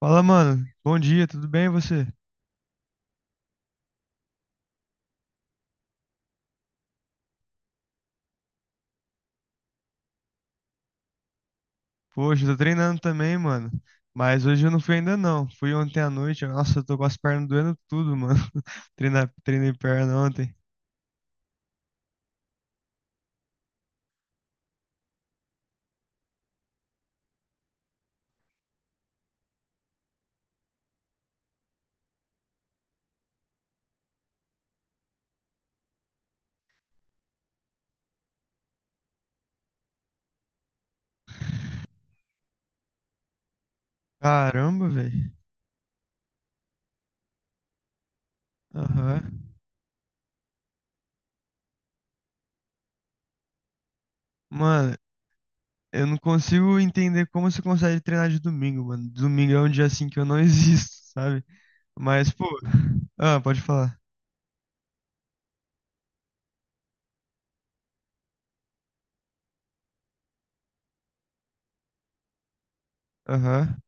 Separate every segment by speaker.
Speaker 1: Fala, mano. Bom dia, tudo bem e você? Poxa, eu tô treinando também, mano. Mas hoje eu não fui ainda não. Fui ontem à noite. Nossa, eu tô com as pernas doendo tudo, mano. Treinei perna ontem. Caramba, velho. Aham. Mano, eu não consigo entender como você consegue treinar de domingo, mano. Domingo é um dia assim que eu não existo, sabe? Mas, pô. Ah, pode falar. Aham.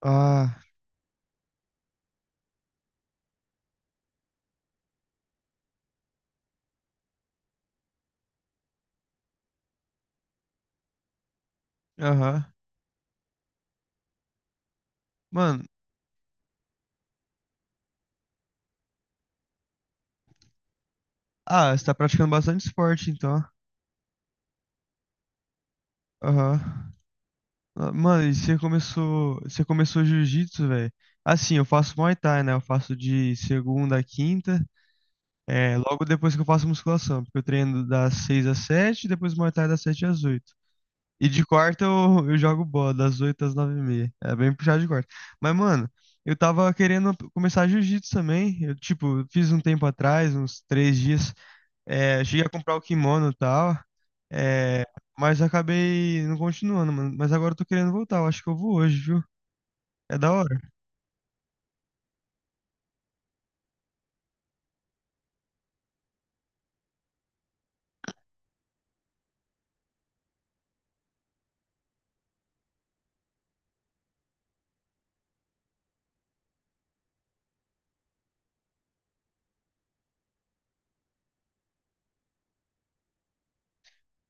Speaker 1: Ah, aham. Mano, ah, você tá praticando bastante esporte, então. Aham. Ah, mano, e você começou jiu-jitsu, velho? Assim, eu faço Muay Thai, né? Eu faço de segunda a quinta, logo depois que eu faço musculação, porque eu treino das 6 às 7, depois Muay Thai das 7 às 8. E de quarta eu jogo bola, das 8 às 9h30. É bem puxado de quarta. Mas, mano, eu tava querendo começar jiu-jitsu também. Eu, tipo, fiz um tempo atrás, uns 3 dias. É, cheguei a comprar o kimono e tal. É, mas acabei não continuando, mano. Mas agora eu tô querendo voltar. Eu acho que eu vou hoje, viu? É da hora.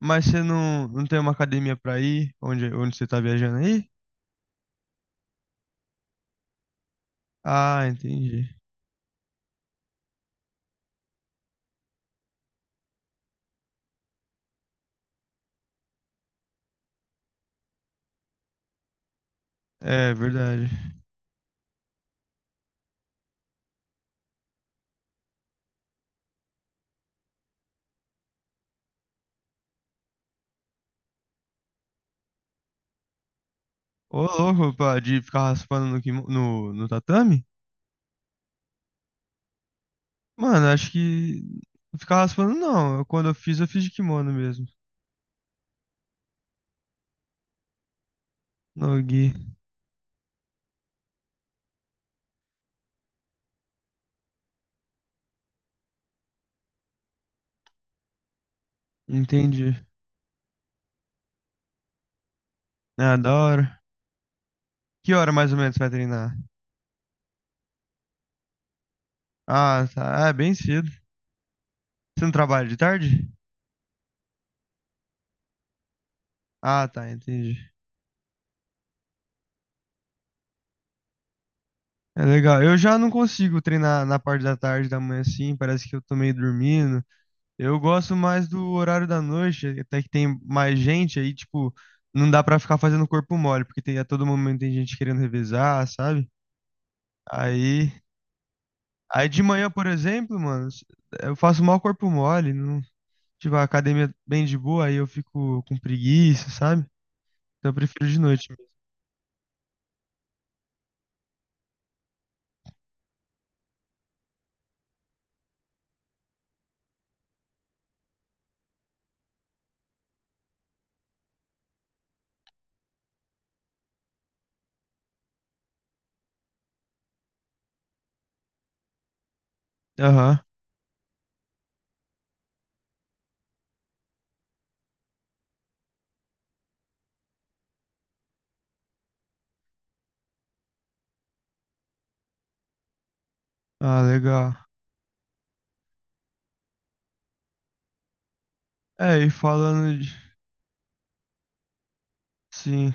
Speaker 1: Mas você não tem uma academia pra ir? Onde você tá viajando aí? Ah, entendi. É verdade. Ô, louco, pá, de ficar raspando no tatame? Mano, acho que não ficar raspando, não. Quando eu fiz de kimono mesmo. No gi. Entendi. Ah, da hora. Que hora mais ou menos você vai treinar? Ah, tá. Ah, é bem cedo. Você não trabalha de tarde? Ah, tá, entendi. É legal. Eu já não consigo treinar na parte da tarde, da manhã assim. Parece que eu tô meio dormindo. Eu gosto mais do horário da noite, até que tem mais gente aí, tipo, não dá pra ficar fazendo corpo mole, porque tem, a todo momento tem gente querendo revezar, sabe? Aí. Aí de manhã, por exemplo, mano, eu faço mal corpo mole, não, tipo, a academia bem de boa, aí eu fico com preguiça, sabe? Então eu prefiro de noite mesmo. Aham. Ah, legal. É, e falando de, sim,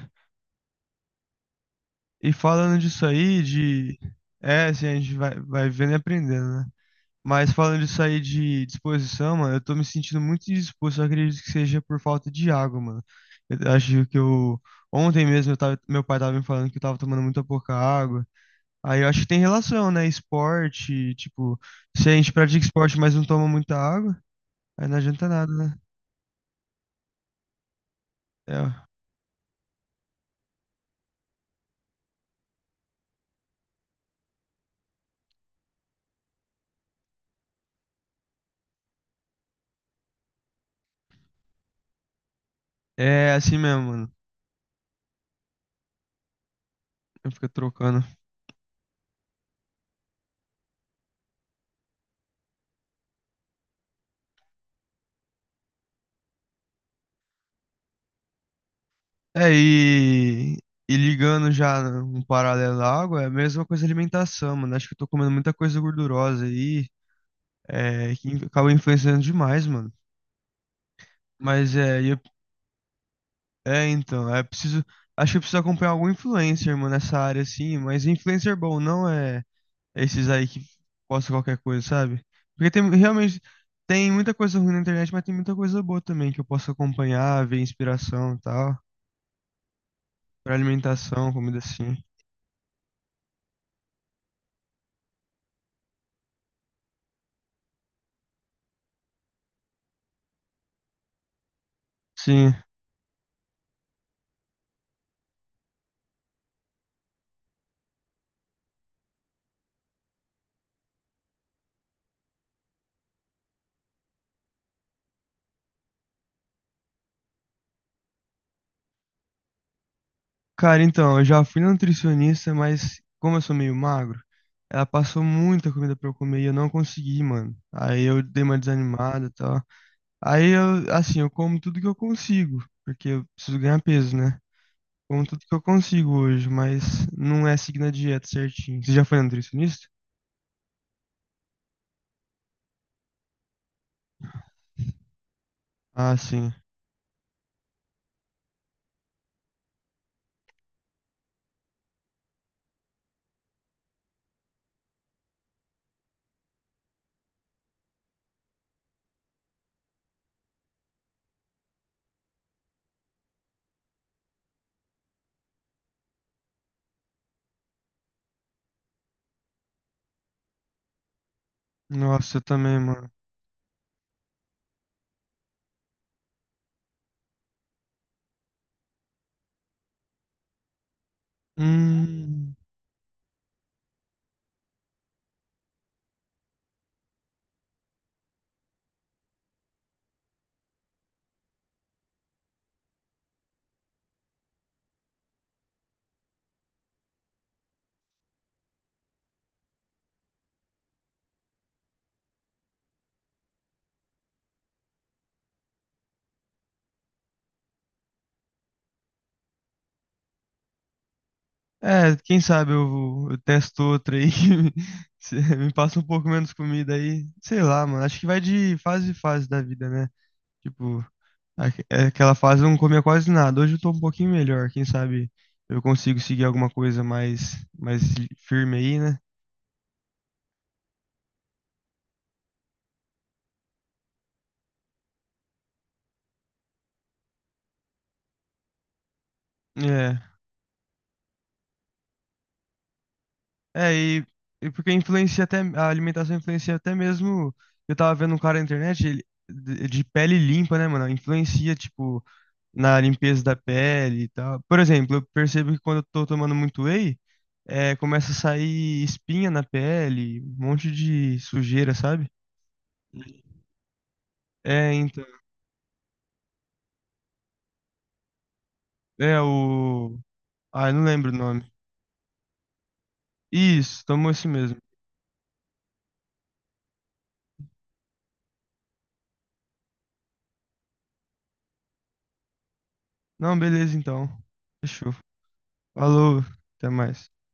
Speaker 1: e falando disso aí de, é, assim, a gente vai vendo e aprendendo, né? Mas falando disso aí de disposição, mano, eu tô me sentindo muito indisposto, eu acredito que seja por falta de água, mano. Eu acho que eu ontem mesmo eu tava, meu pai tava me falando que eu tava tomando muita pouca água. Aí eu acho que tem relação, né? Esporte, tipo, se a gente pratica esporte, mas não toma muita água, aí não adianta nada, né? É, é assim mesmo, mano. Eu fico trocando. É, e ligando já um paralelo à água, é a mesma coisa a alimentação, mano. Acho que eu tô comendo muita coisa gordurosa aí, que acaba influenciando demais, mano. Mas é, e eu- é, então, é preciso. Acho que eu preciso acompanhar algum influencer, mano, nessa área, assim. Mas influencer bom não é. Esses aí que postam qualquer coisa, sabe? Porque tem realmente tem muita coisa ruim na internet, mas tem muita coisa boa também que eu posso acompanhar, ver inspiração e tal, pra alimentação, comida assim. Sim. Cara, então, eu já fui na nutricionista, mas como eu sou meio magro, ela passou muita comida pra eu comer e eu não consegui, mano. Aí eu dei uma desanimada e tal. Aí eu, assim, eu como tudo que eu consigo, porque eu preciso ganhar peso, né? Como tudo que eu consigo hoje, mas não é seguir na dieta certinho. Você já foi nutricionista? Ah, sim. Nossa, eu também, mano. Hum. É, quem sabe eu testo outra aí que me, se- me passa um pouco menos comida aí. Sei lá, mano. Acho que vai de fase em fase da vida, né? Tipo, é aquela fase eu não comia quase nada. Hoje eu tô um pouquinho melhor. Quem sabe eu consigo seguir alguma coisa mais firme aí, né? É. É, e porque influencia até, a alimentação influencia até mesmo. Eu tava vendo um cara na internet, ele, de pele limpa, né, mano? Influencia, tipo, na limpeza da pele e tal. Por exemplo, eu percebo que quando eu tô tomando muito whey, começa a sair espinha na pele, um monte de sujeira, sabe? É, então. É o. Ah, eu não lembro o nome. Isso, tomou esse mesmo. Não, beleza então. Fechou. Falou, até mais.